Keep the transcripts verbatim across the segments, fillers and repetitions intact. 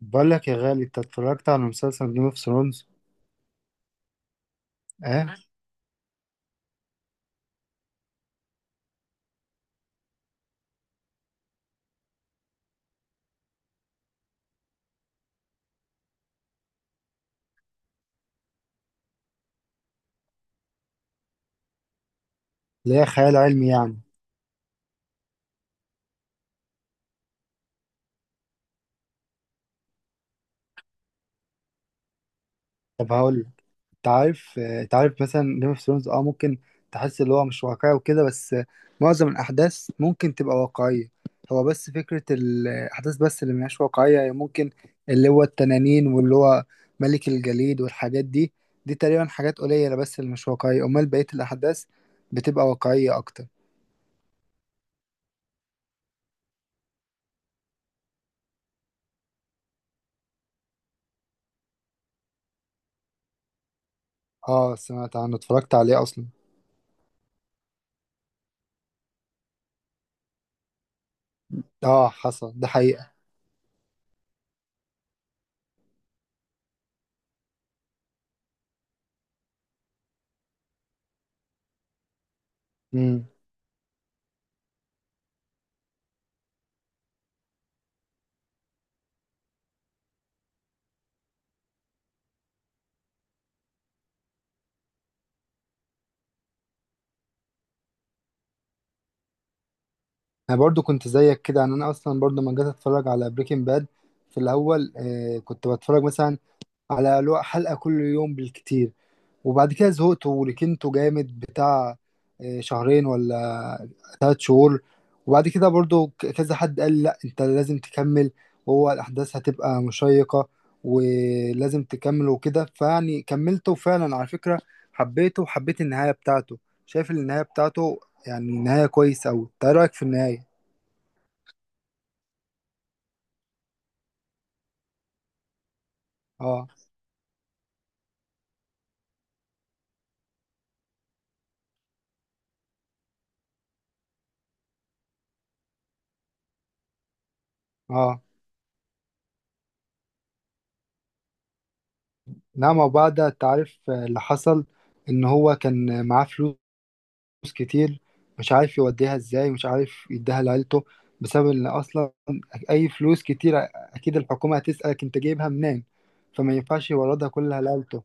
بقول لك يا غالي، انت اتفرجت على مسلسل جيم اوف ثرونز؟ اه، اللي هي خيال علمي يعني. طب هقول لك. انت عارف، آه، انت عارف مثلا جيم اوف ثرونز اه ممكن تحس اللي هو مش واقعي وكده، بس آه، معظم الاحداث ممكن تبقى واقعيه. هو بس فكره الاحداث بس اللي مش واقعيه، هي ممكن اللي هو التنانين واللي هو ملك الجليد والحاجات دي. دي تقريبا حاجات قليله بس اللي مش واقعيه، امال بقيه الاحداث بتبقى واقعيه اكتر. اه، سمعت عنه، اتفرجت عليه اصلا. اه، حصل ده حقيقه. مم. انا برضو كنت زيك كده. يعني انا اصلا برضو لما جيت اتفرج على بريكنج باد في الاول، آه كنت بتفرج مثلا على لو- حلقة كل يوم بالكتير، وبعد كده زهقت وركنته جامد بتاع آه شهرين ولا ثلاثة شهور. وبعد كده برضو ك- كذا حد قال لي لا، انت لازم تكمل، وهو الاحداث هتبقى مشيقة ولازم تكمل وكده. فيعني كملته، وفعلا على فكرة حبيته وحبيت النهاية بتاعته. شايف النهاية بتاعته؟ يعني نهاية كويس أوي، إنت إيه رأيك في النهاية؟ اه. اه. نعم، وبعد التعريف اللي حصل ان هو كان معاه فلوس كتير، مش عارف يوديها ازاي، مش عارف يديها لعيلته، بسبب ان اصلا اي فلوس كتير اكيد الحكومة هتسألك انت جايبها منين، فما ينفعش يوردها كلها لعيلته.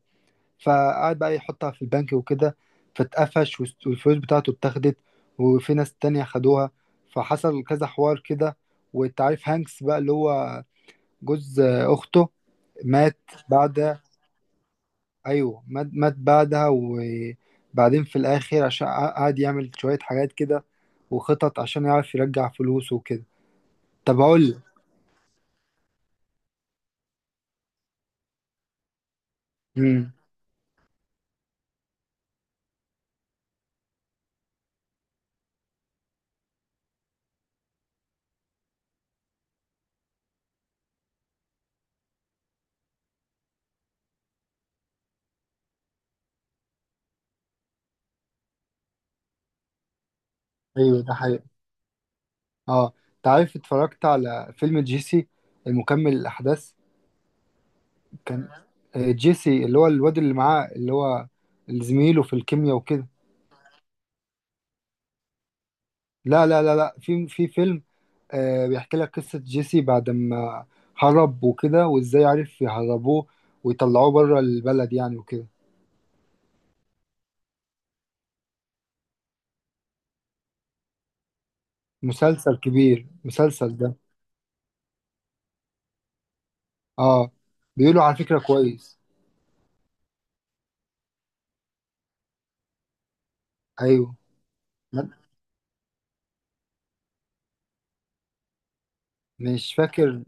فقعد بقى يحطها في البنك وكده، فاتقفش، والفلوس بتاعته اتاخدت وفي ناس تانية خدوها. فحصل كذا حوار كده. والتعريف هانكس بقى اللي هو جوز اخته، مات بعد. ايوه، مات مات بعدها، وبعدين في الاخر عشان قع- قعد يعمل شوية حاجات كده، وخطط عشان يعرف يرجع فلوسه وكده. طب اقول لك. امم ايوه، ده حقيقي. اه، انت عارف اتفرجت على فيلم جيسي المكمل الاحداث؟ كان آه، جيسي اللي هو الواد اللي معاه، اللي هو اللي زميله في الكيمياء وكده. لا لا لا لا، في في فيلم آه بيحكي لك قصة جيسي بعد ما هرب وكده، وازاي عرف يهربوه ويطلعوه بره البلد يعني وكده. مسلسل كبير مسلسل ده. اه، بيقولوا على فكرة كويس. ايوه. لا، مش فاكر.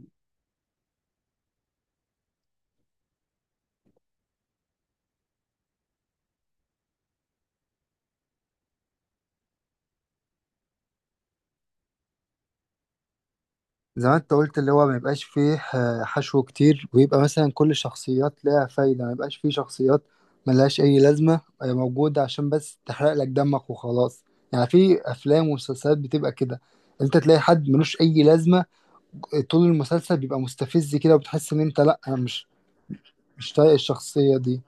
زي ما انت قلت، اللي هو ما يبقاش فيه ح- حشو كتير، ويبقى مثلا كل شخصيات لها فايدة، ما يبقاش فيه شخصيات ملهاش اي لازمة هي موجودة عشان بس تحرق لك دمك وخلاص. يعني في افلام ومسلسلات بتبقى كده، انت تلاقي حد ملوش اي لازمة طول المسلسل، بيبقى مستفز كده، وبتحس ان انت، لا انا مش مش طايق الشخصية دي.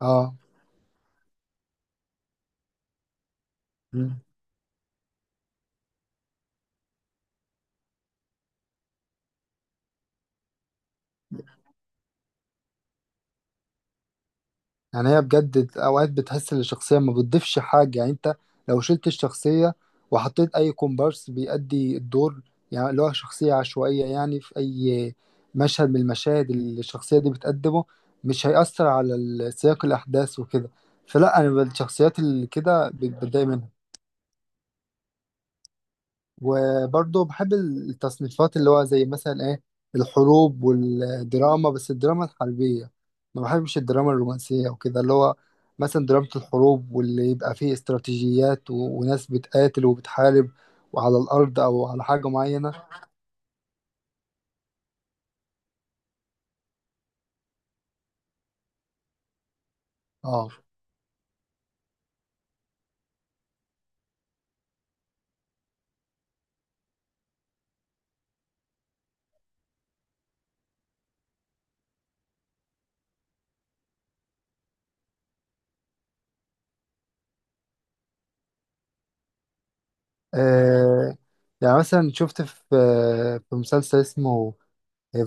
اه، يعني هي بجد اوقات بتحس ان الشخصيه ما بتضيفش حاجه. يعني انت لو شلت الشخصيه وحطيت اي كومبارس بيأدي الدور، يعني اللي هو شخصيه عشوائيه، يعني في اي مشهد من المشاهد اللي الشخصيه دي بتقدمه، مش هيأثر على ال- سياق الاحداث وكده. فلا، انا الشخصيات اللي كده بتضايق منها. وبرضه بحب التصنيفات اللي هو زي مثلا ايه، الحروب والدراما، بس الدراما الحربية. ما بحبش الدراما الرومانسية وكده. اللي هو مثلا دراما الحروب، واللي يبقى فيه استراتيجيات و... وناس بتقاتل وبتحارب وعلى الأرض أو على حاجة معينة. اه. آه، يعني مثلا شفت في في مسلسل اسمه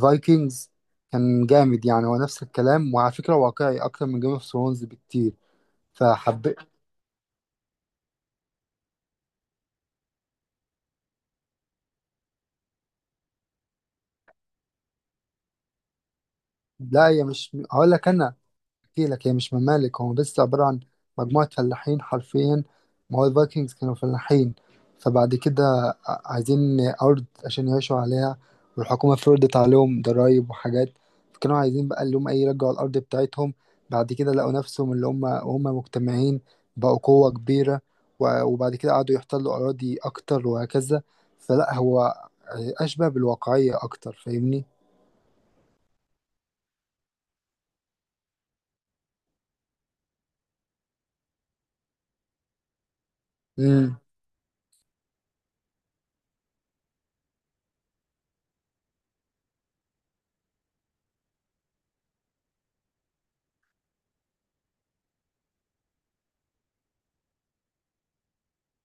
فايكنجز، كان جامد. يعني هو نفس الكلام، وعلى فكرة واقعي أكتر من جيم اوف ثرونز بكتير، فحبيت. لا، هي مش، هقول لك انا احكي لك. هي مش ممالك، هو بس عبارة عن مجموعة فلاحين حرفيا. ما هو الفايكنجز كانوا فلاحين. فبعد كده ع- عايزين أرض عشان يعيشوا عليها، والحكومة فرضت عليهم ضرايب وحاجات. فكانوا عايزين بقى اللي هم ايه، يرجعوا الأرض بتاعتهم. بعد كده لقوا نفسهم اللي هم، وهم مجتمعين بقوا قوة كبيرة، و- وبعد كده قعدوا يحتلوا أراضي أكتر وهكذا. فلا، هو أشبه بالواقعية أكتر، فاهمني؟ امم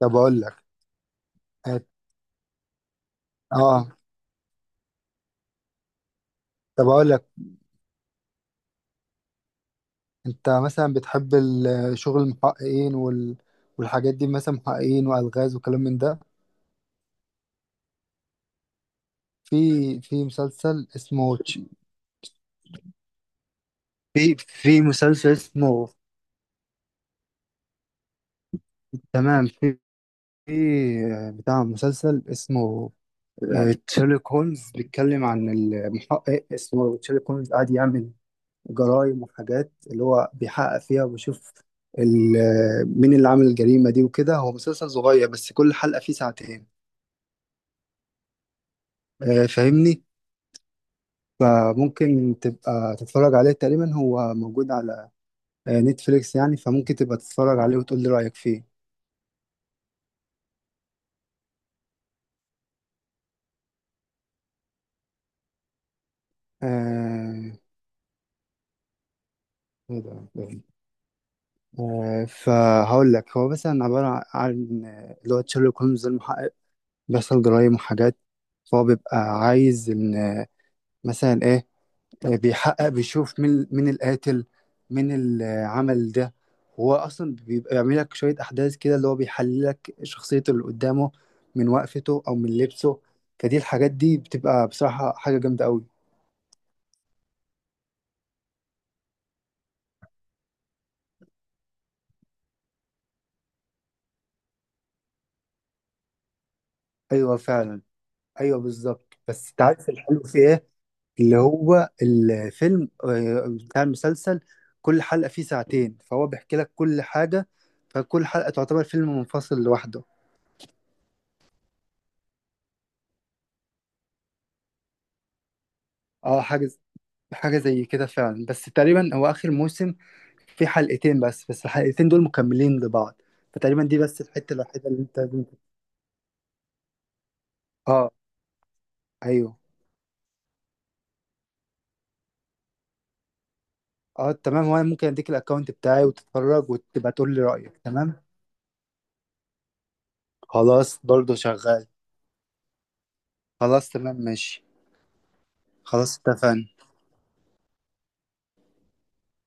طب أقول لك. اه. طب أقول لك، انت مثلا بتحب ال- شغل المحققين وال... والحاجات دي؟ مثلا محققين والغاز وكلام من ده. في في مسلسل اسمه تش- في في مسلسل اسمه، تمام، في في بتاع مسلسل اسمه آه، تشيرلوك هولمز، بيتكلم عن المحقق اسمه تشيرلوك هولمز، قاعد يعمل جرائم وحاجات اللي هو بيحقق فيها، وبيشوف ال- آه، مين اللي عمل الجريمة دي وكده. هو مسلسل صغير، بس كل حلقة فيه ساعتين. آه، فاهمني؟ فممكن تبقى تتفرج عليه. تقريبا هو موجود على آه، نتفليكس يعني، فممكن تبقى تتفرج عليه وتقول لي رأيك فيه. آه، إيه ده؟ ده- آه، فهقول لك. هو مثلا عبارة عن آه، اللي هو تشيرلوك هولمز ده المحقق، بيحصل جرايم وحاجات، فهو بيبقى عايز إن آه، مثلا إيه، بيحقق بيشوف مين مين القاتل، مين اللي عمل ده. هو اصلا بيبقى بيعمل لك شويه احداث كده، اللي هو بيحلل لك شخصيته اللي قدامه من وقفته او من لبسه. فدي الحاجات دي بتبقى بصراحه حاجه جامده قوي. ايوه فعلا. ايوه بالظبط. بس انت عارف الحلو في ايه؟ اللي هو الفيلم، آه، بتاع المسلسل، كل حلقه فيه ساعتين، فهو بيحكي لك كل حاجه. فكل حلقه تعتبر فيلم منفصل لوحده. اه. حاجه، حاجة زي كده فعلا، بس تقريبا هو آخر موسم في حلقتين بس، بس الحلقتين دول مكملين لبعض. فتقريبا دي بس الحتة الوحيدة اللي انت لازم تت- اه. ايوه. اه، تمام. وانا ممكن اديك الاكونت بتاعي وتتفرج، وتبقى تقول لي رأيك. تمام. خلاص، برضو شغال. خلاص، تمام، ماشي. خلاص، اتفقنا.